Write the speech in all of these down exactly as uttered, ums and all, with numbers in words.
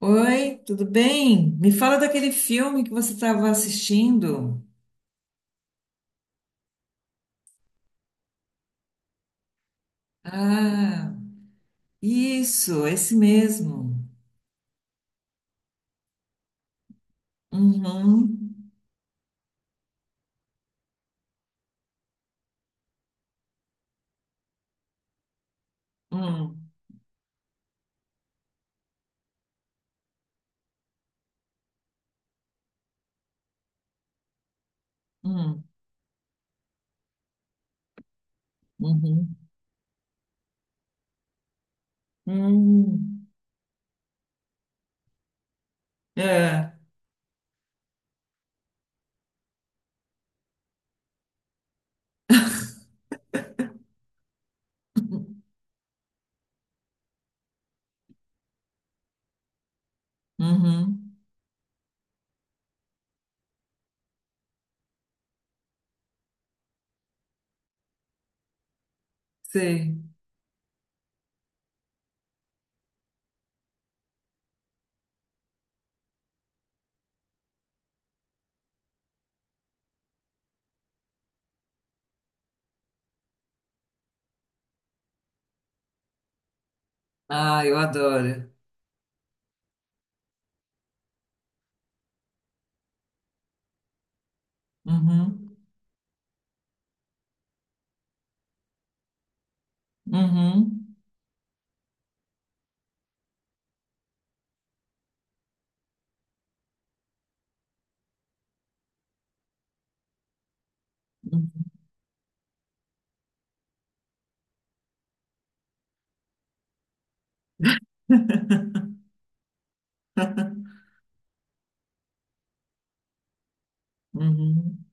Oi, tudo bem? Me fala daquele filme que você estava assistindo. Ah, isso, esse mesmo. Uhum, hum, hum, uhum, hum. É, uhum, sei. Ah, eu adoro. Uhum, uhum, uhum, uhum.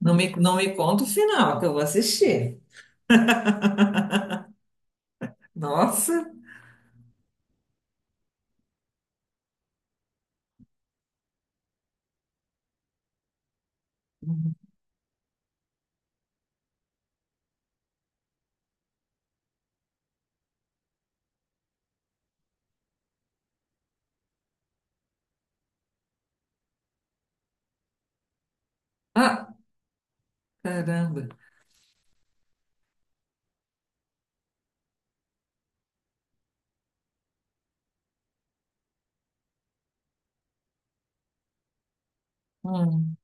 Não me, não me conta o final, que eu vou assistir. Nossa. Uhum. Ah, caramba. Hum.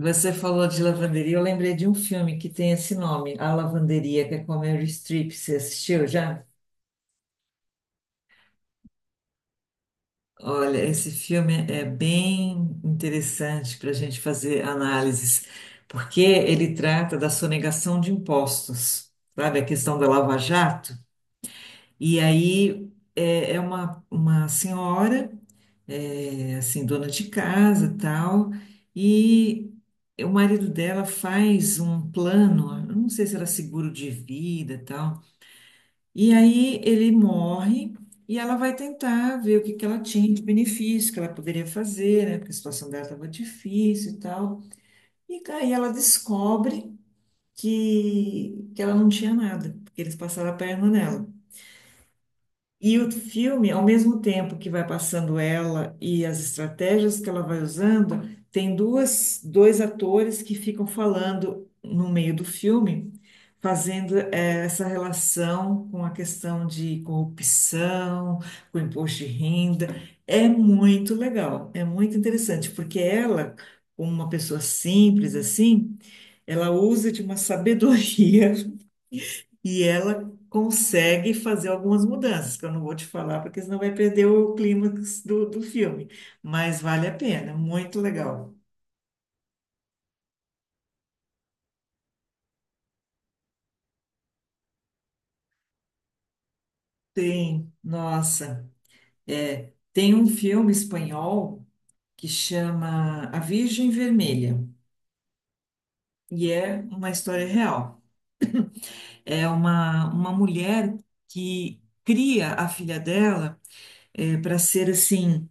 Você falou de lavanderia, eu lembrei de um filme que tem esse nome, A Lavanderia, que é com a Meryl Streep. Você assistiu já? Olha, esse filme é bem interessante para a gente fazer análises, porque ele trata da sonegação de impostos, sabe? A questão da Lava Jato. E aí é, é uma, uma senhora. É, assim, dona de casa, tal, e o marido dela faz um plano, eu não sei se era seguro de vida, tal, e aí ele morre e ela vai tentar ver o que que ela tinha de benefício que ela poderia fazer, né, porque a situação dela estava difícil e tal, e aí ela descobre que, que ela não tinha nada, porque eles passaram a perna nela. E o filme, ao mesmo tempo que vai passando ela e as estratégias que ela vai usando, tem duas, dois atores que ficam falando no meio do filme, fazendo eh, essa relação com a questão de corrupção, com imposto de renda. É muito legal, é muito interessante, porque ela, como uma pessoa simples assim, ela usa de uma sabedoria e ela consegue fazer algumas mudanças, que eu não vou te falar, porque senão vai perder o clímax do, do filme. Mas vale a pena, muito legal. Tem, nossa, é, tem um filme espanhol que chama A Virgem Vermelha, e é uma história real. É uma, uma mulher que cria a filha dela para ser assim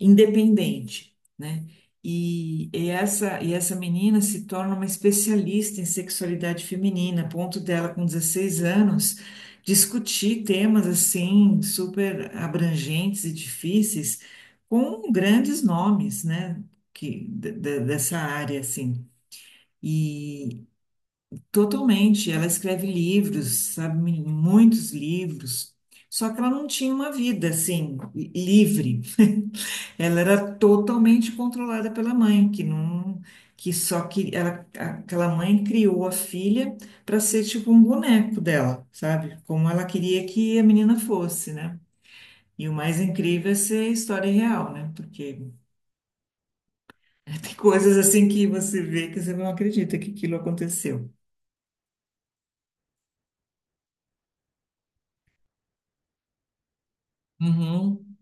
independente, né? E, e essa, e essa menina se torna uma especialista em sexualidade feminina, a ponto dela, com dezesseis anos, discutir temas assim super abrangentes e difíceis com grandes nomes, né? Que, de- de- dessa área, assim. E totalmente, ela escreve livros, sabe, muitos livros, só que ela não tinha uma vida assim livre. Ela era totalmente controlada pela mãe, que não, que só que ela, aquela mãe criou a filha para ser tipo um boneco dela, sabe? Como ela queria que a menina fosse, né? E o mais incrível é ser história real, né? Porque tem coisas assim que você vê que você não acredita que aquilo aconteceu. Uhum,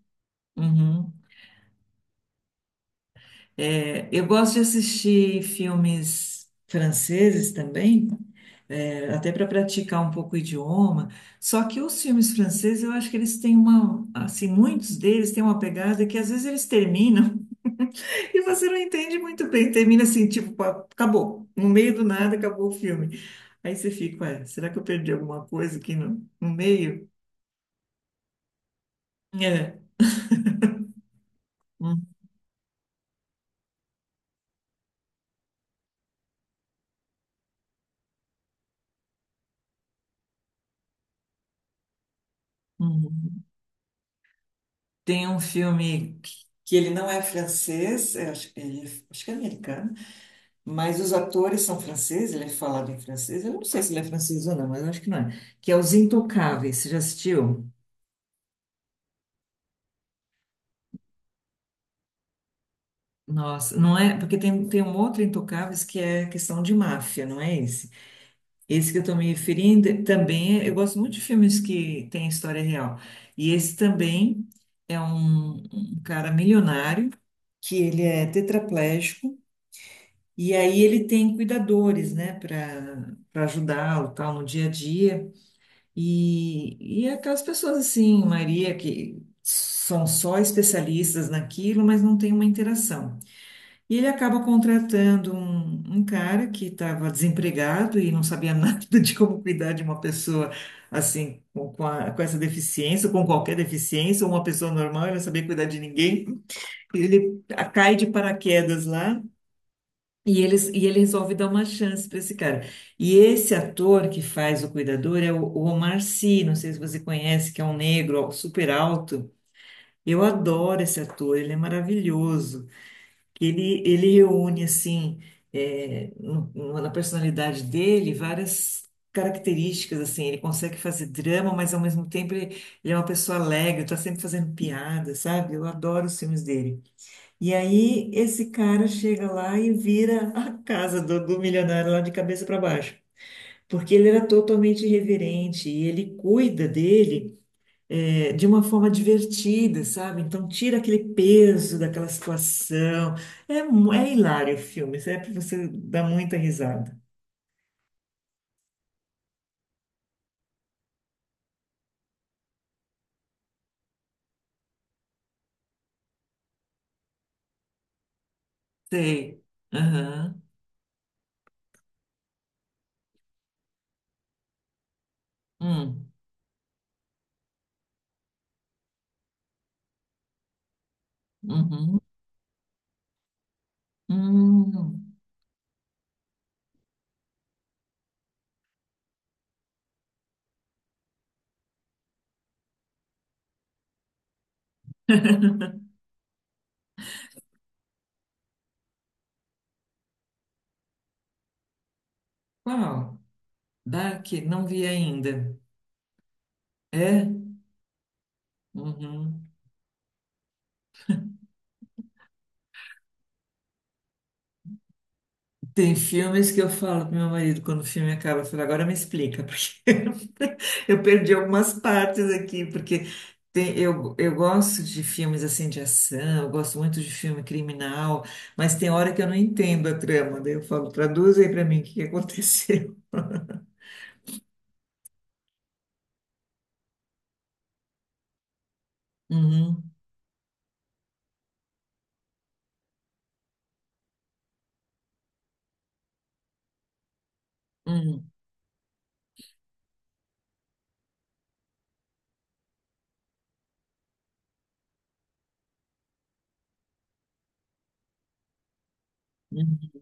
uhum. É, eu gosto de assistir filmes franceses também, é, até para praticar um pouco o idioma. Só que os filmes franceses, eu acho que eles têm uma, assim, muitos deles têm uma pegada que às vezes eles terminam e você não entende muito bem. Termina assim, tipo, pá, acabou. No meio do nada, acabou o filme. Aí você fica, ué, será que eu perdi alguma coisa aqui no, no meio? É. Hum, uhum. Tem um filme que que ele não é francês, eu acho, ele, é- acho que é americano, mas os atores são franceses, ele é falado em francês, eu não sei se ele é francês ou não, mas eu acho que não é, que é Os Intocáveis, você já assistiu? Nossa, não é, porque tem, tem um outro Intocáveis que é questão de máfia, não é esse? Esse que eu estou me referindo também, é- eu gosto muito de filmes que têm história real, e esse também é um um cara milionário, que ele é tetraplégico. E aí ele tem cuidadores, né, para para ajudá-lo, tal, no dia a dia. E, e aquelas pessoas assim, Maria, que são só especialistas naquilo, mas não tem uma interação. E ele acaba contratando um, um cara que estava desempregado e não sabia nada de como cuidar de uma pessoa assim, com, com, a- com essa deficiência, ou com qualquer deficiência, ou uma pessoa normal, ele não sabia cuidar de ninguém. Ele a- cai de paraquedas lá. E, eles, e ele resolve dar uma chance para esse cara. E esse ator que faz o cuidador é o, o Omar Sy, não sei se você conhece, que é um negro ó, super alto. Eu adoro esse ator, ele é maravilhoso. Ele, ele reúne, assim, é, no- no- na personalidade dele várias características, assim. Ele consegue fazer drama, mas ao mesmo tempo ele, ele é uma pessoa alegre, está sempre fazendo piada, sabe? Eu adoro os filmes dele. E aí esse cara chega lá e vira a casa do, do milionário lá de cabeça para baixo, porque ele era totalmente irreverente e ele cuida dele é, de uma forma divertida, sabe? Então tira aquele peso daquela situação. É, mu- é hilário o filme, isso é para você dar muita risada. Sei. Aham. Hum. Uhum. Hum. Qual? Dark? Não vi ainda. É? Uhum. Tem filmes que eu falo pro meu marido quando o filme acaba, eu falo, agora me explica, porque eu perdi algumas partes aqui, porque tem- eu, eu gosto de filmes assim de ação, eu gosto muito de filme criminal, mas tem hora que eu não entendo a trama, daí eu falo, traduz aí pra mim o que que aconteceu. Uhum, uhum, uhum.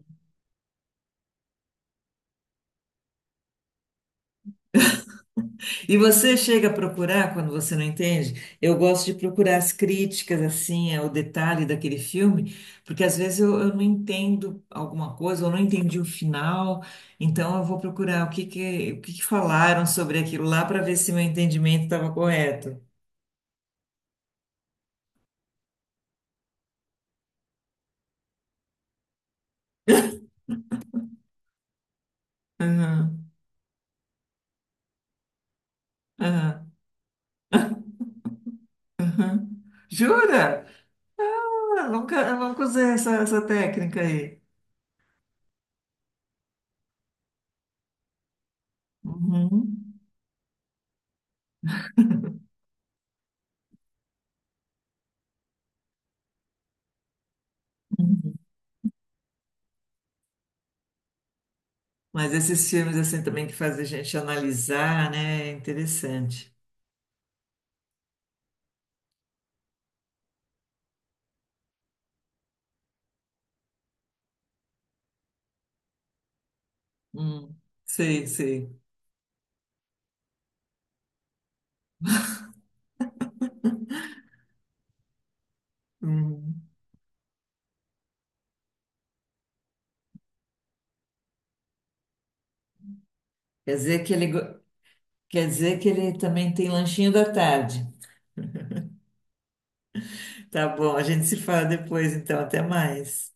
E você chega a procurar quando você não entende? Eu gosto de procurar as críticas, assim, ao detalhe daquele filme, porque às vezes eu, eu não entendo alguma coisa, eu não entendi o final, então eu vou procurar o que que, o que que falaram sobre aquilo lá para ver se meu entendimento estava correto. Aham, aham, aham. Jura? Ah, nunca, eu nunca usei essa, essa técnica aí. Uhum. Mas esses filmes, assim, também que fazem a gente analisar, né? É interessante. Hum, sei, sei. Uhum. Quer dizer que ele, go- quer dizer que ele também tem lanchinho da tarde. Tá bom, a gente se fala depois, então, até mais.